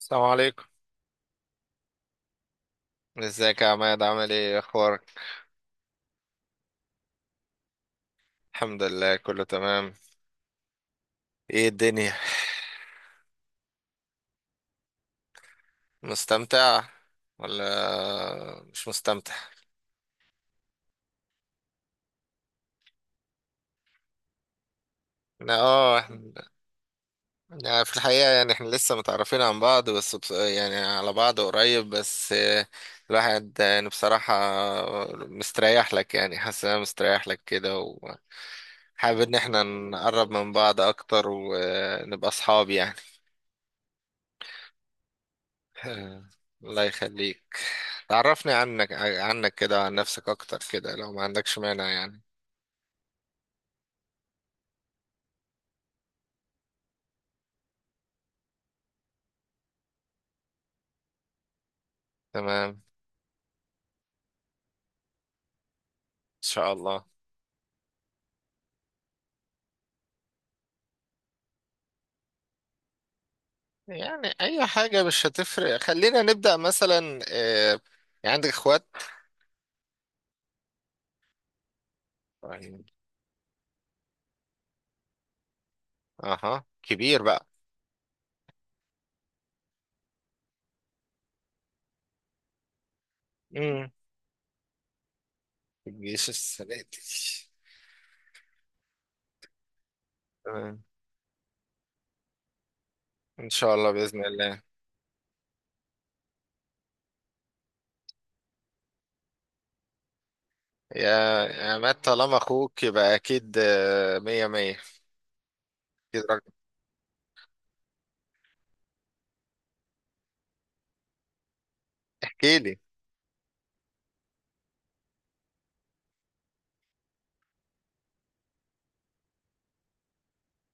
السلام عليكم. ازيك يا عماد؟ عامل ايه؟ ايه اخبارك؟ الحمد لله كله تمام. ايه الدنيا؟ مستمتع ولا مش مستمتع؟ لا، احنا يعني في الحقيقة يعني احنا لسه متعرفين عن بعض، بس يعني على بعض قريب، بس الواحد يعني بصراحة مستريح لك، يعني حاسس ان انا مستريح لك كده، وحابب ان احنا نقرب من بعض اكتر ونبقى اصحاب يعني. آه، الله يخليك. تعرفني عنك كده وعن نفسك اكتر كده لو ما عندكش مانع يعني. تمام، ان شاء الله. يعني اي حاجة مش هتفرق، خلينا نبدأ مثلا، يعني عندك اخوات؟ طيب. اها، كبير بقى. امم الجيش السنة دي؟ تمام، ان شاء الله، بإذن الله. يا يا مات، طالما اخوك يبقى اكيد مية مية، اكيد راجل. احكي لي.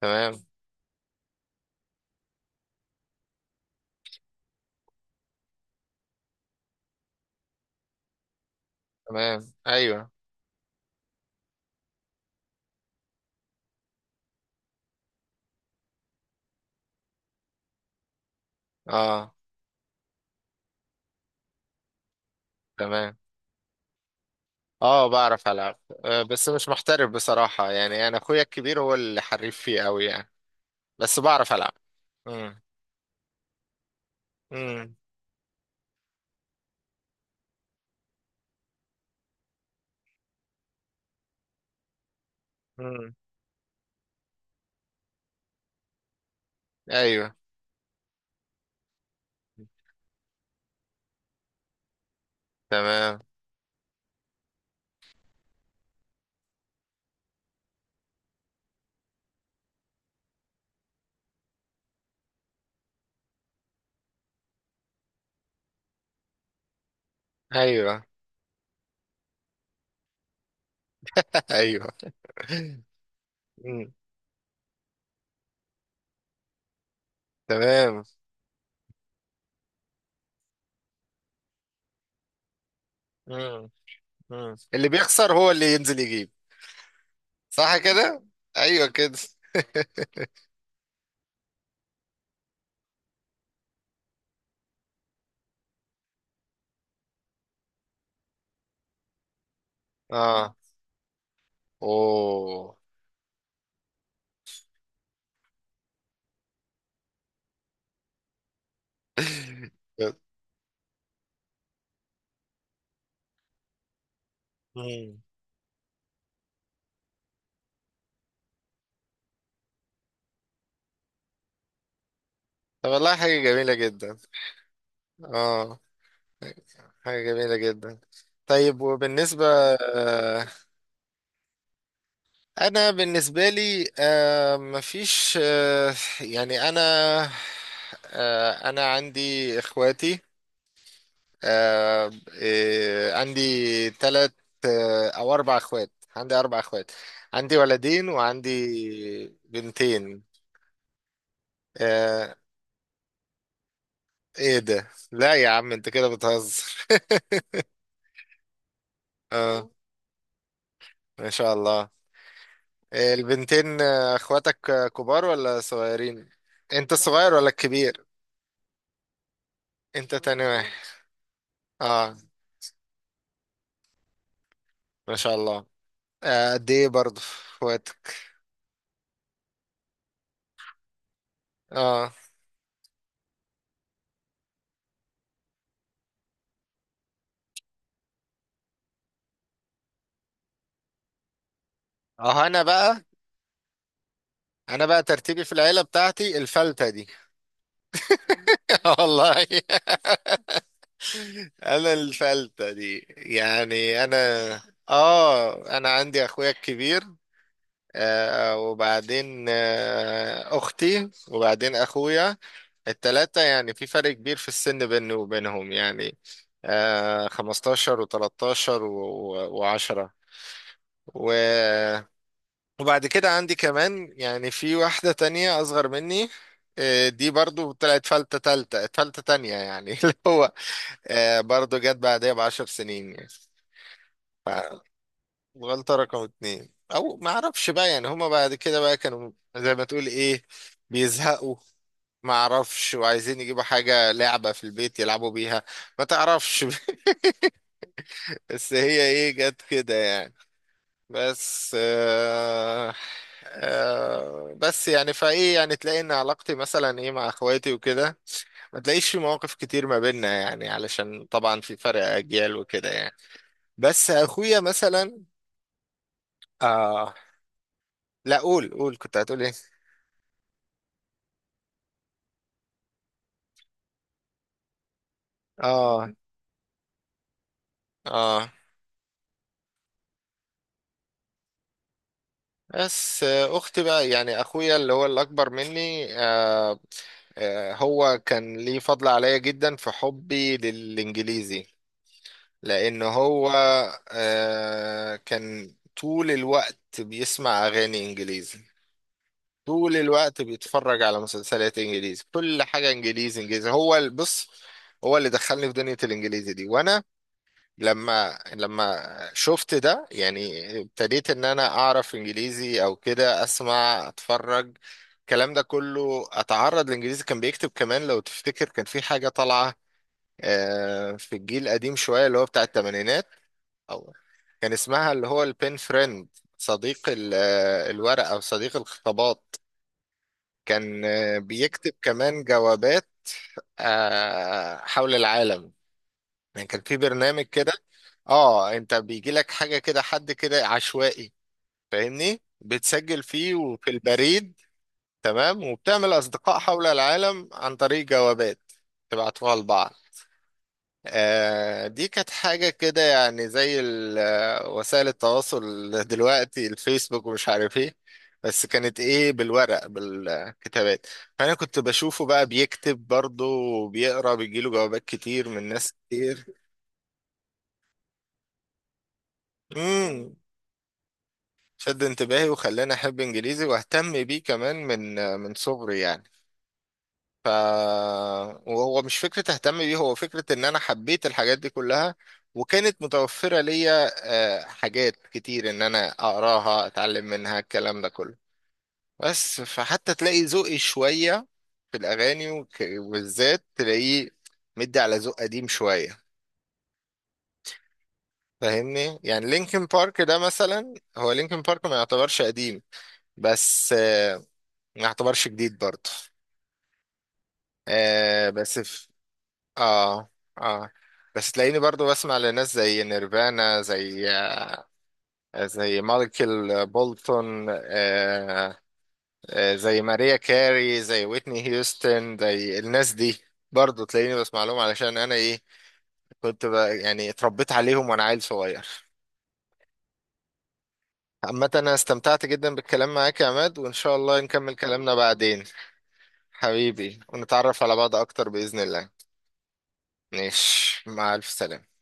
تمام. تمام، ايوه. اه. تمام. اه، بعرف العب، بس مش محترف بصراحة، يعني انا اخويا الكبير هو اللي حريف فيه قوي يعني، بس بعرف العب. امم. امم. امم. ايوه، تمام. ايوه. ايوه. امم. تمام. امم. اللي بيخسر هو اللي ينزل يجيب. صح كده. ايوه كده. اه. اوه. امم طب والله، حاجة جميلة جدا. اه، حاجة جميلة جدا. طيب، وبالنسبة. انا بالنسبه لي مفيش، يعني انا، انا عندي اخواتي. آه، عندي ثلاث او اربع اخوات. عندي اربع اخوات. عندي ولدين وعندي بنتين. آه، ايه ده؟ لا يا عم، انت كده بتهزر. اه، ما شاء الله. البنتين اخواتك كبار ولا صغيرين؟ انت الصغير ولا الكبير؟ انت تاني واحد. اه، ما شاء الله. قد ايه برضه في وقتك؟ اه اه انا بقى، انا بقى ترتيبي في العيله بتاعتي الفلته دي. والله. انا الفلته دي يعني انا عندي اخويا الكبير، وبعدين اختي، وبعدين اخويا. التلاته يعني في فرق كبير في السن بيني وبينهم يعني، 15 و13 و10. وبعد كده عندي كمان يعني في واحدة تانية أصغر مني. دي برضو طلعت فلتة تالتة، فلتة تانية يعني. اللي هو برضو جت بعدها ب10 سنين يعني. فالغلطة رقم 2، أو ما أعرفش بقى. يعني هما بعد كده بقى كانوا زي ما تقول إيه، بيزهقوا، ما أعرفش، وعايزين يجيبوا حاجة لعبة في البيت يلعبوا بيها. ما تعرفش. بس هي إيه، جت كده يعني. بس آه آه بس يعني، فايه يعني تلاقي ان علاقتي مثلا ايه مع اخواتي وكده، ما تلاقيش في مواقف كتير ما بيننا يعني، علشان طبعا في فرق اجيال وكده يعني. بس اخويا مثلا آه لا، قول قول كنت هتقول ايه. اه. اه. بس اختي بقى، يعني اخويا اللي هو الاكبر مني، هو كان ليه فضل عليا جدا في حبي للانجليزي، لأن هو كان طول الوقت بيسمع أغاني إنجليزي، طول الوقت بيتفرج على مسلسلات إنجليزي، كل حاجة إنجليزي إنجليزي. هو بص، هو اللي دخلني في دنيا الإنجليزي دي. وأنا لما شفت ده يعني، ابتديت إن أنا أعرف إنجليزي، أو كده أسمع، أتفرج، الكلام ده كله، أتعرض لإنجليزي. كان بيكتب كمان لو تفتكر، كان في حاجة طالعة في الجيل القديم شوية، اللي هو بتاع الثمانينات، أو كان اسمها اللي هو البين فريند، صديق الورق، أو صديق الخطابات. كان بيكتب كمان جوابات حول العالم. يعني كان في برنامج كده، اه، انت بيجي لك حاجة كده، حد كده عشوائي، فاهمني، بتسجل فيه وفي البريد، تمام، وبتعمل أصدقاء حول العالم عن طريق جوابات تبعتوها لبعض. دي كانت حاجة كده يعني زي وسائل التواصل دلوقتي، الفيسبوك ومش عارف ايه، بس كانت ايه بالورق، بالكتابات. فأنا كنت بشوفه بقى بيكتب برضه وبيقرا، بيجيله جوابات كتير من ناس كتير. امم. شد انتباهي وخلاني أحب إنجليزي وأهتم بيه كمان من من صغري يعني. ف وهو مش فكرة اهتم بيه، هو فكرة ان انا حبيت الحاجات دي كلها وكانت متوفرة ليا، حاجات كتير ان انا اقراها اتعلم منها الكلام ده كله. بس فحتى تلاقي ذوقي شوية في الاغاني وبالذات تلاقيه مدي على ذوق قديم شوية، فاهمني. يعني لينكن بارك ده مثلا، هو لينكن بارك ما يعتبرش قديم، بس ما يعتبرش جديد برضه. بس اه اه بس تلاقيني برضو بسمع لناس زي نيرفانا، زي زي مايكل بولتون، آه، آه، زي ماريا كاري، زي ويتني هيوستن، زي الناس دي. برضو تلاقيني بسمع لهم علشان انا ايه، كنت بقى يعني اتربيت عليهم وانا عيل صغير. عامة، انا استمتعت جدا بالكلام معاك يا عماد، وان شاء الله نكمل كلامنا بعدين حبيبي، ونتعرف على بعض اكتر بإذن الله. ماشي، مع الف سلامة.